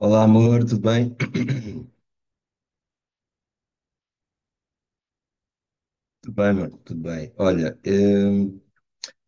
Olá, amor, tudo bem? Tudo bem, mano, tudo bem. Olha,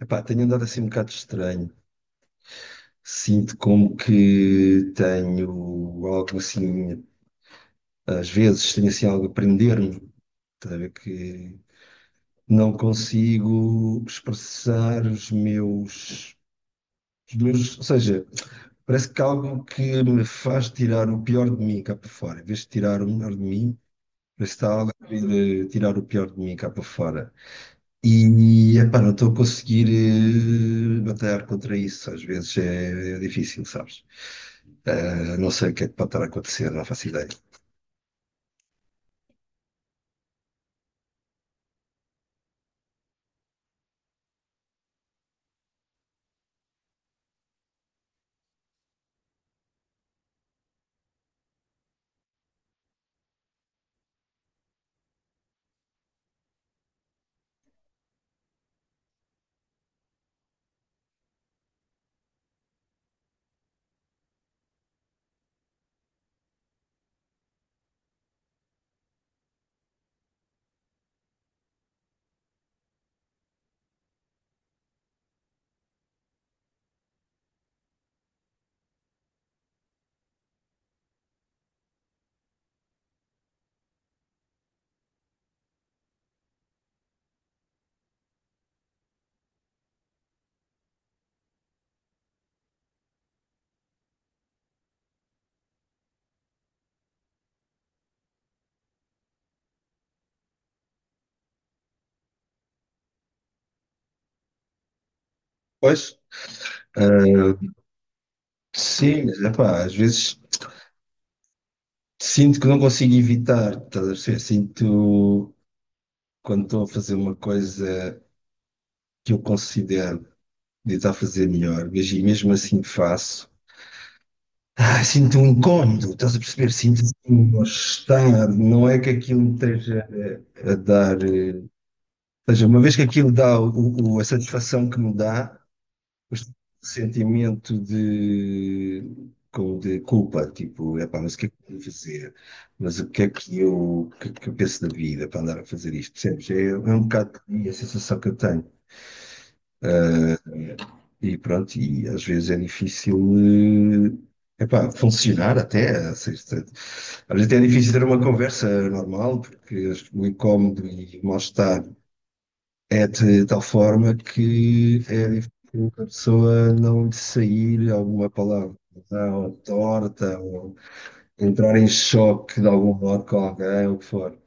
epá, tenho andado assim um bocado estranho. Sinto como que tenho algo assim, às vezes tenho assim algo a prender-me, estás a ver que não consigo expressar os meus, ou seja, parece que há algo que me faz tirar o pior de mim cá para fora. Em vez de tirar o melhor de mim, parece que está algo a querer tirar o pior de mim cá para fora. E, epá, não estou a conseguir batalhar contra isso. Às vezes é difícil, sabes? Não sei o que é que pode estar a acontecer, não faço ideia. Pois, eh, sim, mas, epá, às vezes sinto que não consigo evitar, estás a perceber? Sinto quando estou a fazer uma coisa que eu considero de estar a fazer melhor, mas e mesmo assim faço. Ah, sinto um incómodo, estás a perceber? Sinto um mal-estar. Não é que aquilo me esteja a dar. Ou seja, uma vez que aquilo dá a satisfação que me dá, o sentimento de, de culpa, tipo, epá, mas o que é que eu vou fazer? Mas o que é que eu, o que, é que eu penso da vida para andar a fazer isto? Percebes? É um bocado por aí a sensação que eu tenho. E pronto, e às vezes é difícil, epá, funcionar até, ou seja, às vezes é difícil ter uma conversa normal, porque acho que o incómodo e o mal-estar é de tal forma que é difícil que a pessoa não lhe sair alguma palavra ou torta, ou entrar em choque de algum modo com alguém, ou o que for.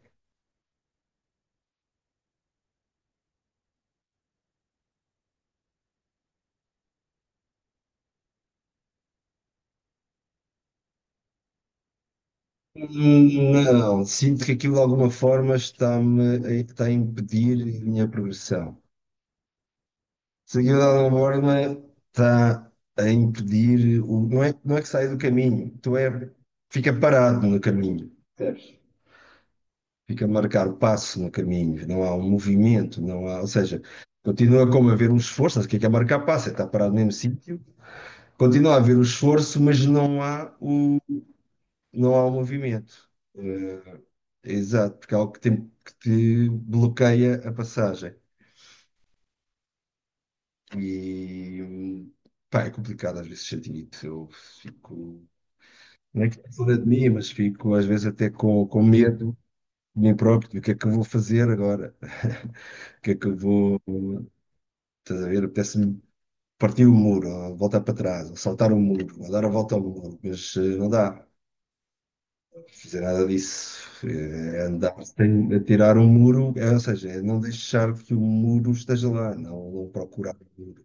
Não, sinto que aquilo de alguma forma está-me a, está a impedir a minha progressão. Se aquilo de alguma forma está a impedir, o, não é, não é que sai do caminho, tu é, fica parado no caminho. Fica a marcar o passo no caminho, não há um movimento, não há, ou seja, continua como a haver um esforço, não sei o que é marcar passo, é estar parado no mesmo sítio, continua a haver o esforço, mas não há o, não há o movimento. Eh, Exato, porque é algo que, que te bloqueia a passagem. E pá, é complicado às vezes sentir isso. Eu fico, não é que estou fora de mim, mas fico às vezes até com medo de mim próprio, do que é que eu vou fazer agora? O que é que eu vou, estás a ver? Apetece-me partir o muro, ou voltar para trás, ou saltar o muro, ou dar a volta ao muro, mas não dá fazer nada disso. É andar sem atirar um muro, é, ou seja, é não deixar que o muro esteja lá, não, não procurar o muro.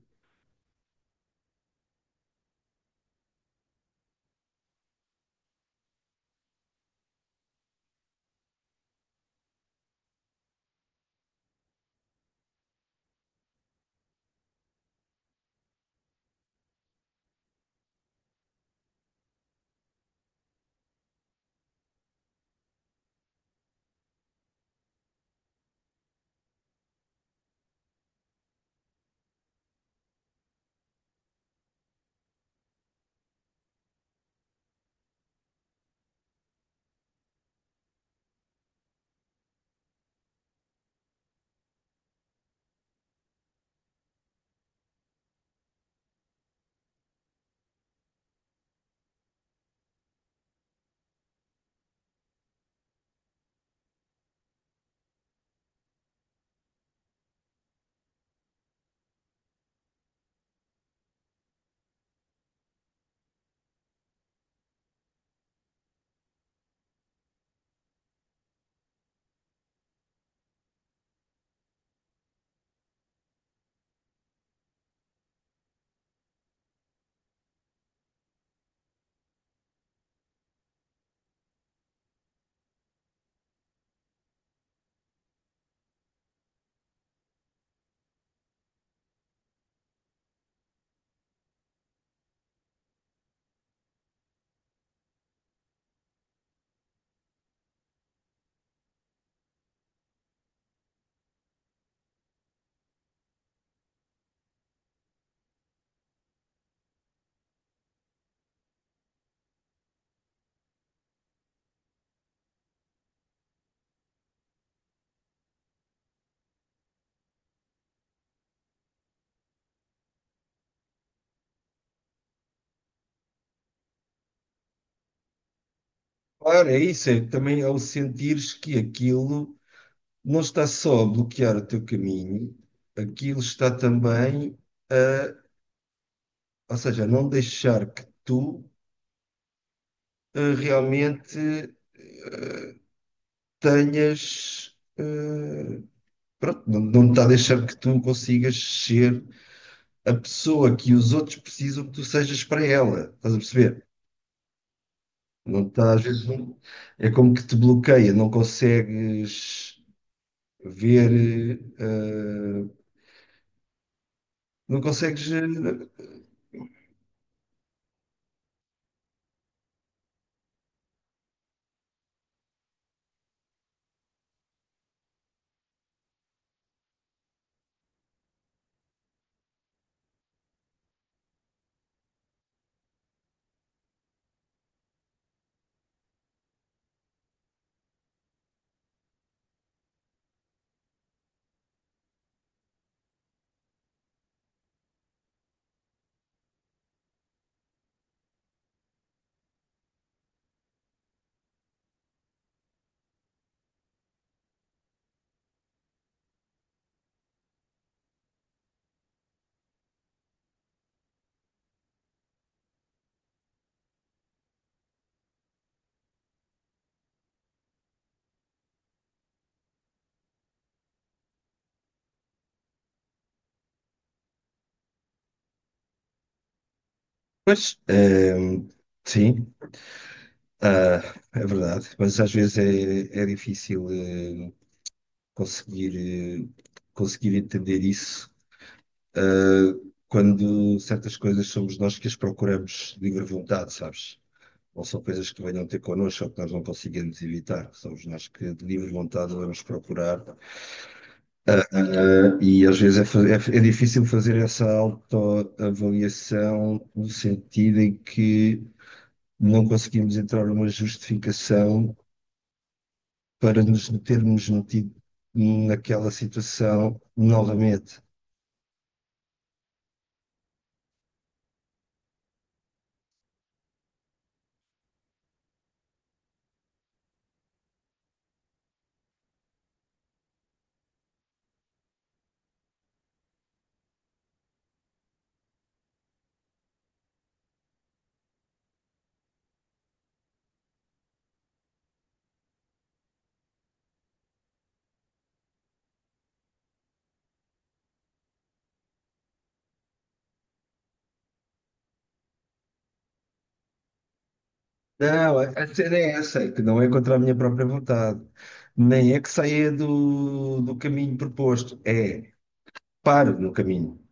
Claro, é isso, é também ao sentires que aquilo não está só a bloquear o teu caminho, aquilo está também a, ou seja, a não deixar que tu realmente tenhas pronto, não, não está a deixar que tu consigas ser a pessoa que os outros precisam que tu sejas para ela. Estás a perceber? Não está, às vezes, é como que te bloqueia, não consegues ver, não consegues. Pois, sim, ah, é verdade, mas às vezes é difícil, conseguir, conseguir entender isso. Quando certas coisas somos nós que as procuramos de livre vontade, sabes? Não são coisas que venham ter connosco ou que nós não conseguimos evitar. Somos nós que de livre vontade vamos procurar. E às vezes é difícil fazer essa autoavaliação, no sentido em que não conseguimos entrar numa justificação para nos termos metido naquela situação novamente. Não, a cena é essa, é que não é contra a minha própria vontade, nem é que saia do, do caminho proposto, é paro no caminho,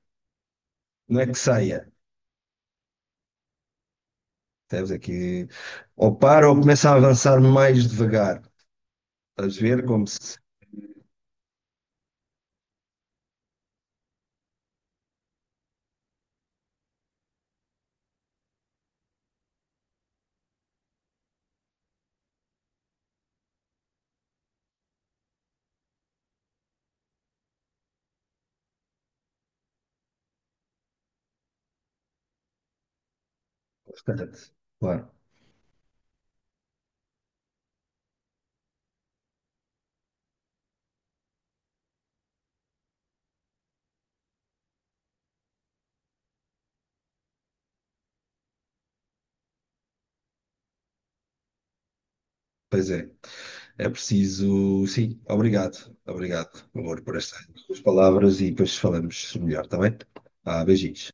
não é que saia. Temos aqui ou paro ou começa a avançar mais devagar, estás a ver como se. Portanto, claro, pois é, é preciso, sim. Obrigado, obrigado, amor, por estas palavras e depois falamos melhor, está bem? Ah, beijinhos.